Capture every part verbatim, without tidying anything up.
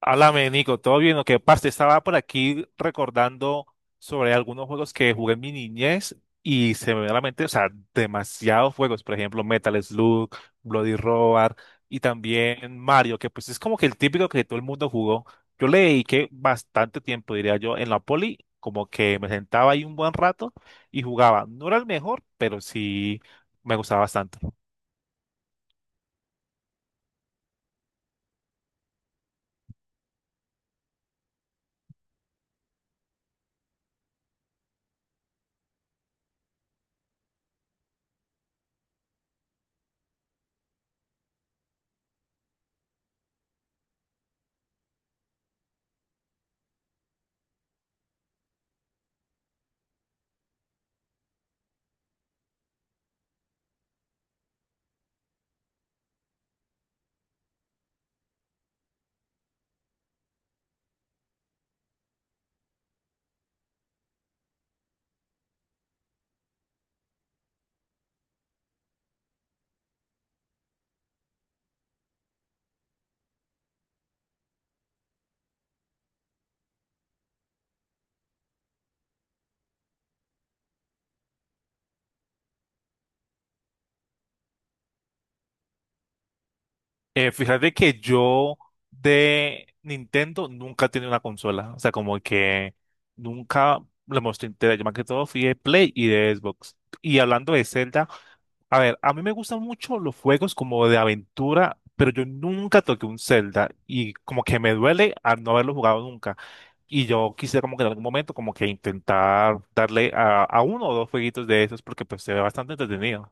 Háblame, Nico, ¿todo bien? Lo que pasa, estaba por aquí recordando sobre algunos juegos que jugué en mi niñez y se me viene a la mente, o sea, demasiados juegos, por ejemplo, Metal Slug, Bloody Roar y también Mario, que pues es como que el típico que todo el mundo jugó. Yo le dediqué bastante tiempo, diría yo, en la poli, como que me sentaba ahí un buen rato y jugaba. No era el mejor, pero sí me gustaba bastante. Eh, fíjate que yo de Nintendo nunca tenía una consola. O sea, como que nunca le mostré interés. Yo más que todo fui de Play y de Xbox. Y hablando de Zelda, a ver, a mí me gustan mucho los juegos como de aventura, pero yo nunca toqué un Zelda. Y como que me duele al no haberlo jugado nunca. Y yo quisiera como que en algún momento como que intentar darle a, a uno o dos jueguitos de esos porque pues se ve bastante entretenido.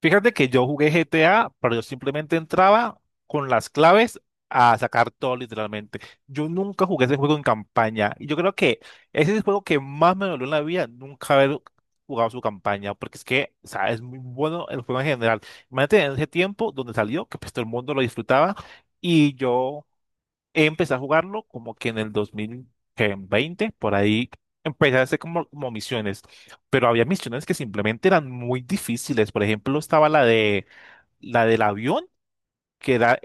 Fíjate que yo jugué G T A, pero yo simplemente entraba con las claves a sacar todo literalmente. Yo nunca jugué ese juego en campaña. Y yo creo que ese es el juego que más me dolió en la vida, nunca haber jugado su campaña, porque es que, o sea, es muy bueno el juego en general. Imagínate en ese tiempo donde salió, que pues todo el mundo lo disfrutaba, y yo empecé a jugarlo como que en el dos mil veinte. Por ahí empecé a hacer como, como misiones, pero había misiones que simplemente eran muy difíciles. Por ejemplo, estaba la de la del avión, que era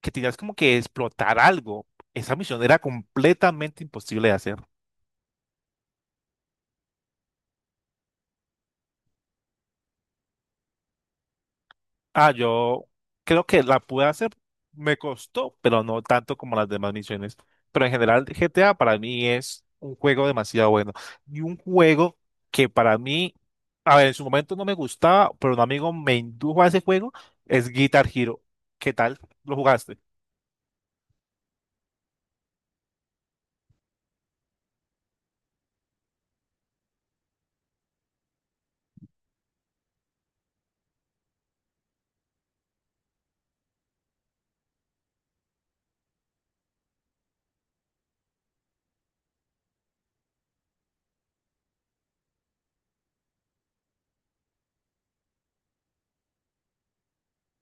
que tenías como que explotar algo. Esa misión era completamente imposible de hacer. Ah, yo creo que la pude hacer, me costó, pero no tanto como las demás misiones. Pero en general, G T A para mí es un juego demasiado bueno. Y un juego que para mí, a ver, en su momento no me gustaba, pero un amigo me indujo a ese juego, es Guitar Hero. ¿Qué tal? ¿Lo jugaste?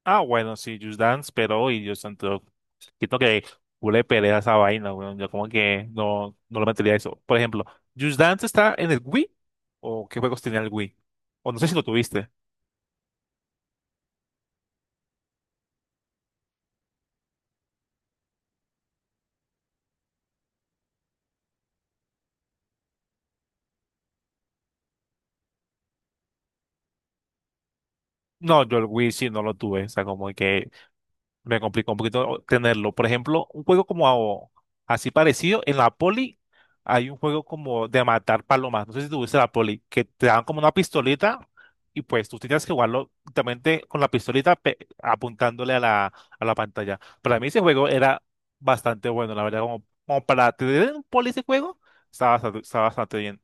Ah, bueno, sí, Just Dance, pero y yo siento, siento que huele pelea esa vaina, weón. Yo como que no, no lo metería eso. Por ejemplo, Just Dance está en el Wii, o qué juegos tenía el Wii, o no sé si lo tuviste. No, yo el Wii sí no lo tuve, o sea, como que me complicó un poquito tenerlo. Por ejemplo, un juego como a- así parecido, en la poli hay un juego como de matar palomas. No sé si tuviste la poli, que te dan como una pistolita y pues tú tenías que jugarlo justamente con la pistolita pe- apuntándole a la, a la pantalla. Para mí ese juego era bastante bueno, la verdad, como, como para tener un poli ese juego, estaba bastante, estaba bastante bien.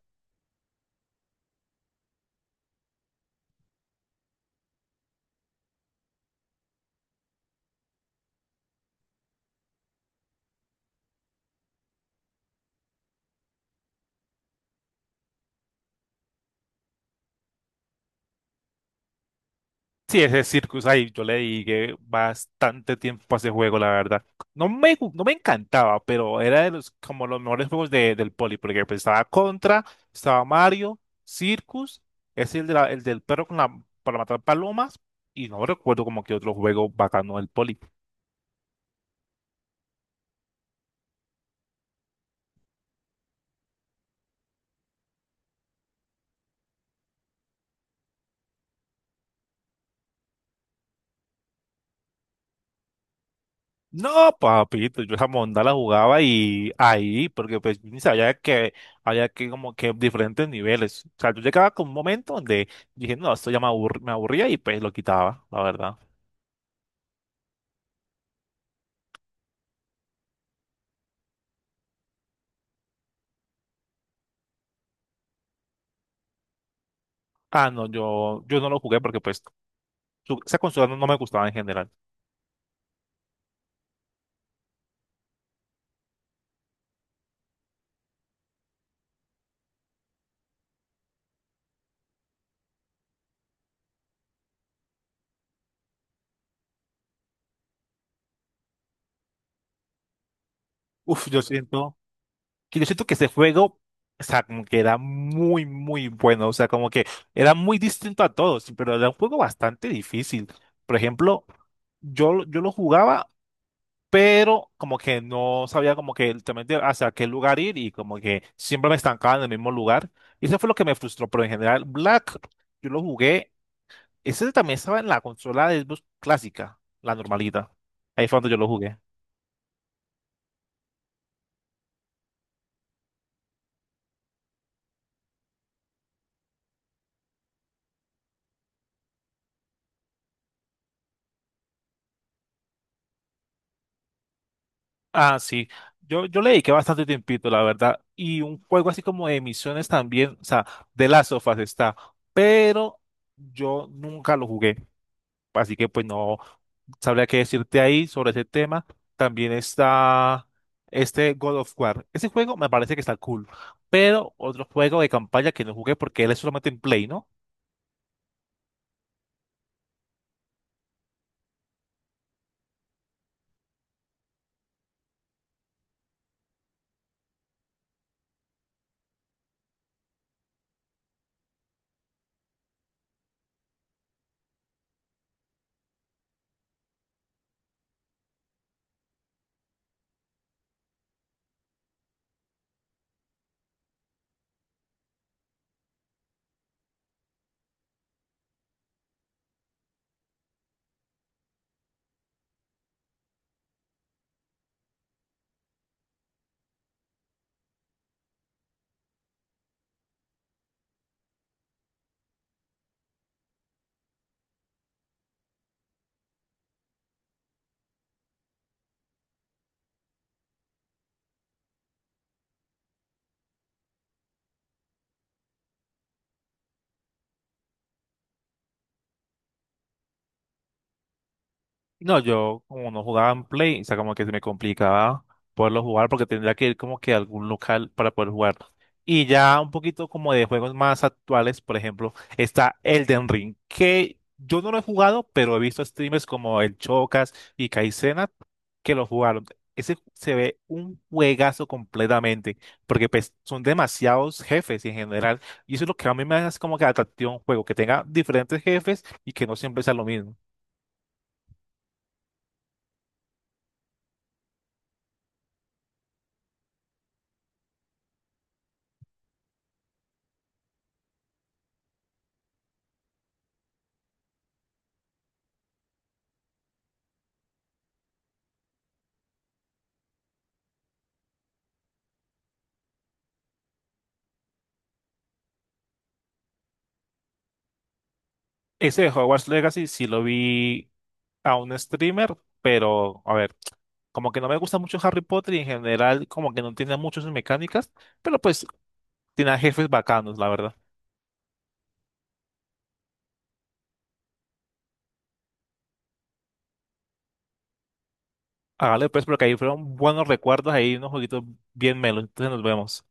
Sí, ese Circus, ahí yo le dediqué bastante tiempo a ese juego, la verdad. No me, gu- no me encantaba, pero era de los, como los mejores juegos de- del Poli, porque pues estaba Contra, estaba Mario, Circus, es el, de la- el del perro con la, para matar palomas, y no recuerdo como que otro juego bacano del Poli. No, papito, yo esa monda la jugaba y ahí, porque pues yo ni sabía que había que como que diferentes niveles. O sea, yo llegaba con un momento donde dije, no, esto ya me aburr- me aburría y pues lo quitaba, la verdad. Ah, no, yo, yo no lo jugué porque pues su- esa consola no, no me gustaba en general. Uf, yo siento que yo siento que ese juego, o sea, como que era muy, muy bueno. O sea, como que era muy distinto a todos, pero era un juego bastante difícil. Por ejemplo, yo, yo lo jugaba, pero como que no sabía como que realmente hacia qué lugar ir y como que siempre me estancaba en el mismo lugar. Y eso fue lo que me frustró, pero en general, Black, yo lo jugué, ese también estaba en la consola de Xbox clásica, la normalita. Ahí fue donde yo lo jugué. Ah, sí. Yo, yo le dediqué bastante tiempito, la verdad. Y un juego así como de misiones también, o sea, de las sofas está. Pero yo nunca lo jugué. Así que pues no sabría qué decirte ahí sobre ese tema. También está este God of War. Ese juego me parece que está cool. Pero otro juego de campaña que no jugué porque él es solamente en Play, ¿no? No, yo como no jugaba en Play, o sea, como que se me complicaba poderlo jugar porque tendría que ir como que a algún local para poder jugar. Y ya un poquito como de juegos más actuales, por ejemplo, está Elden Ring, que yo no lo he jugado, pero he visto streamers como el Chocas y Kaizenat que lo jugaron. Ese se ve un juegazo completamente, porque pues son demasiados jefes en general, y eso es lo que a mí me hace como que atractivo a un juego, que tenga diferentes jefes y que no siempre sea lo mismo. Ese de Hogwarts Legacy sí lo vi a un streamer, pero a ver, como que no me gusta mucho Harry Potter y en general como que no tiene muchas mecánicas, pero pues tiene a jefes bacanos, la verdad. Hágale pues porque ahí fueron buenos recuerdos, ahí unos jueguitos bien melos, entonces nos vemos.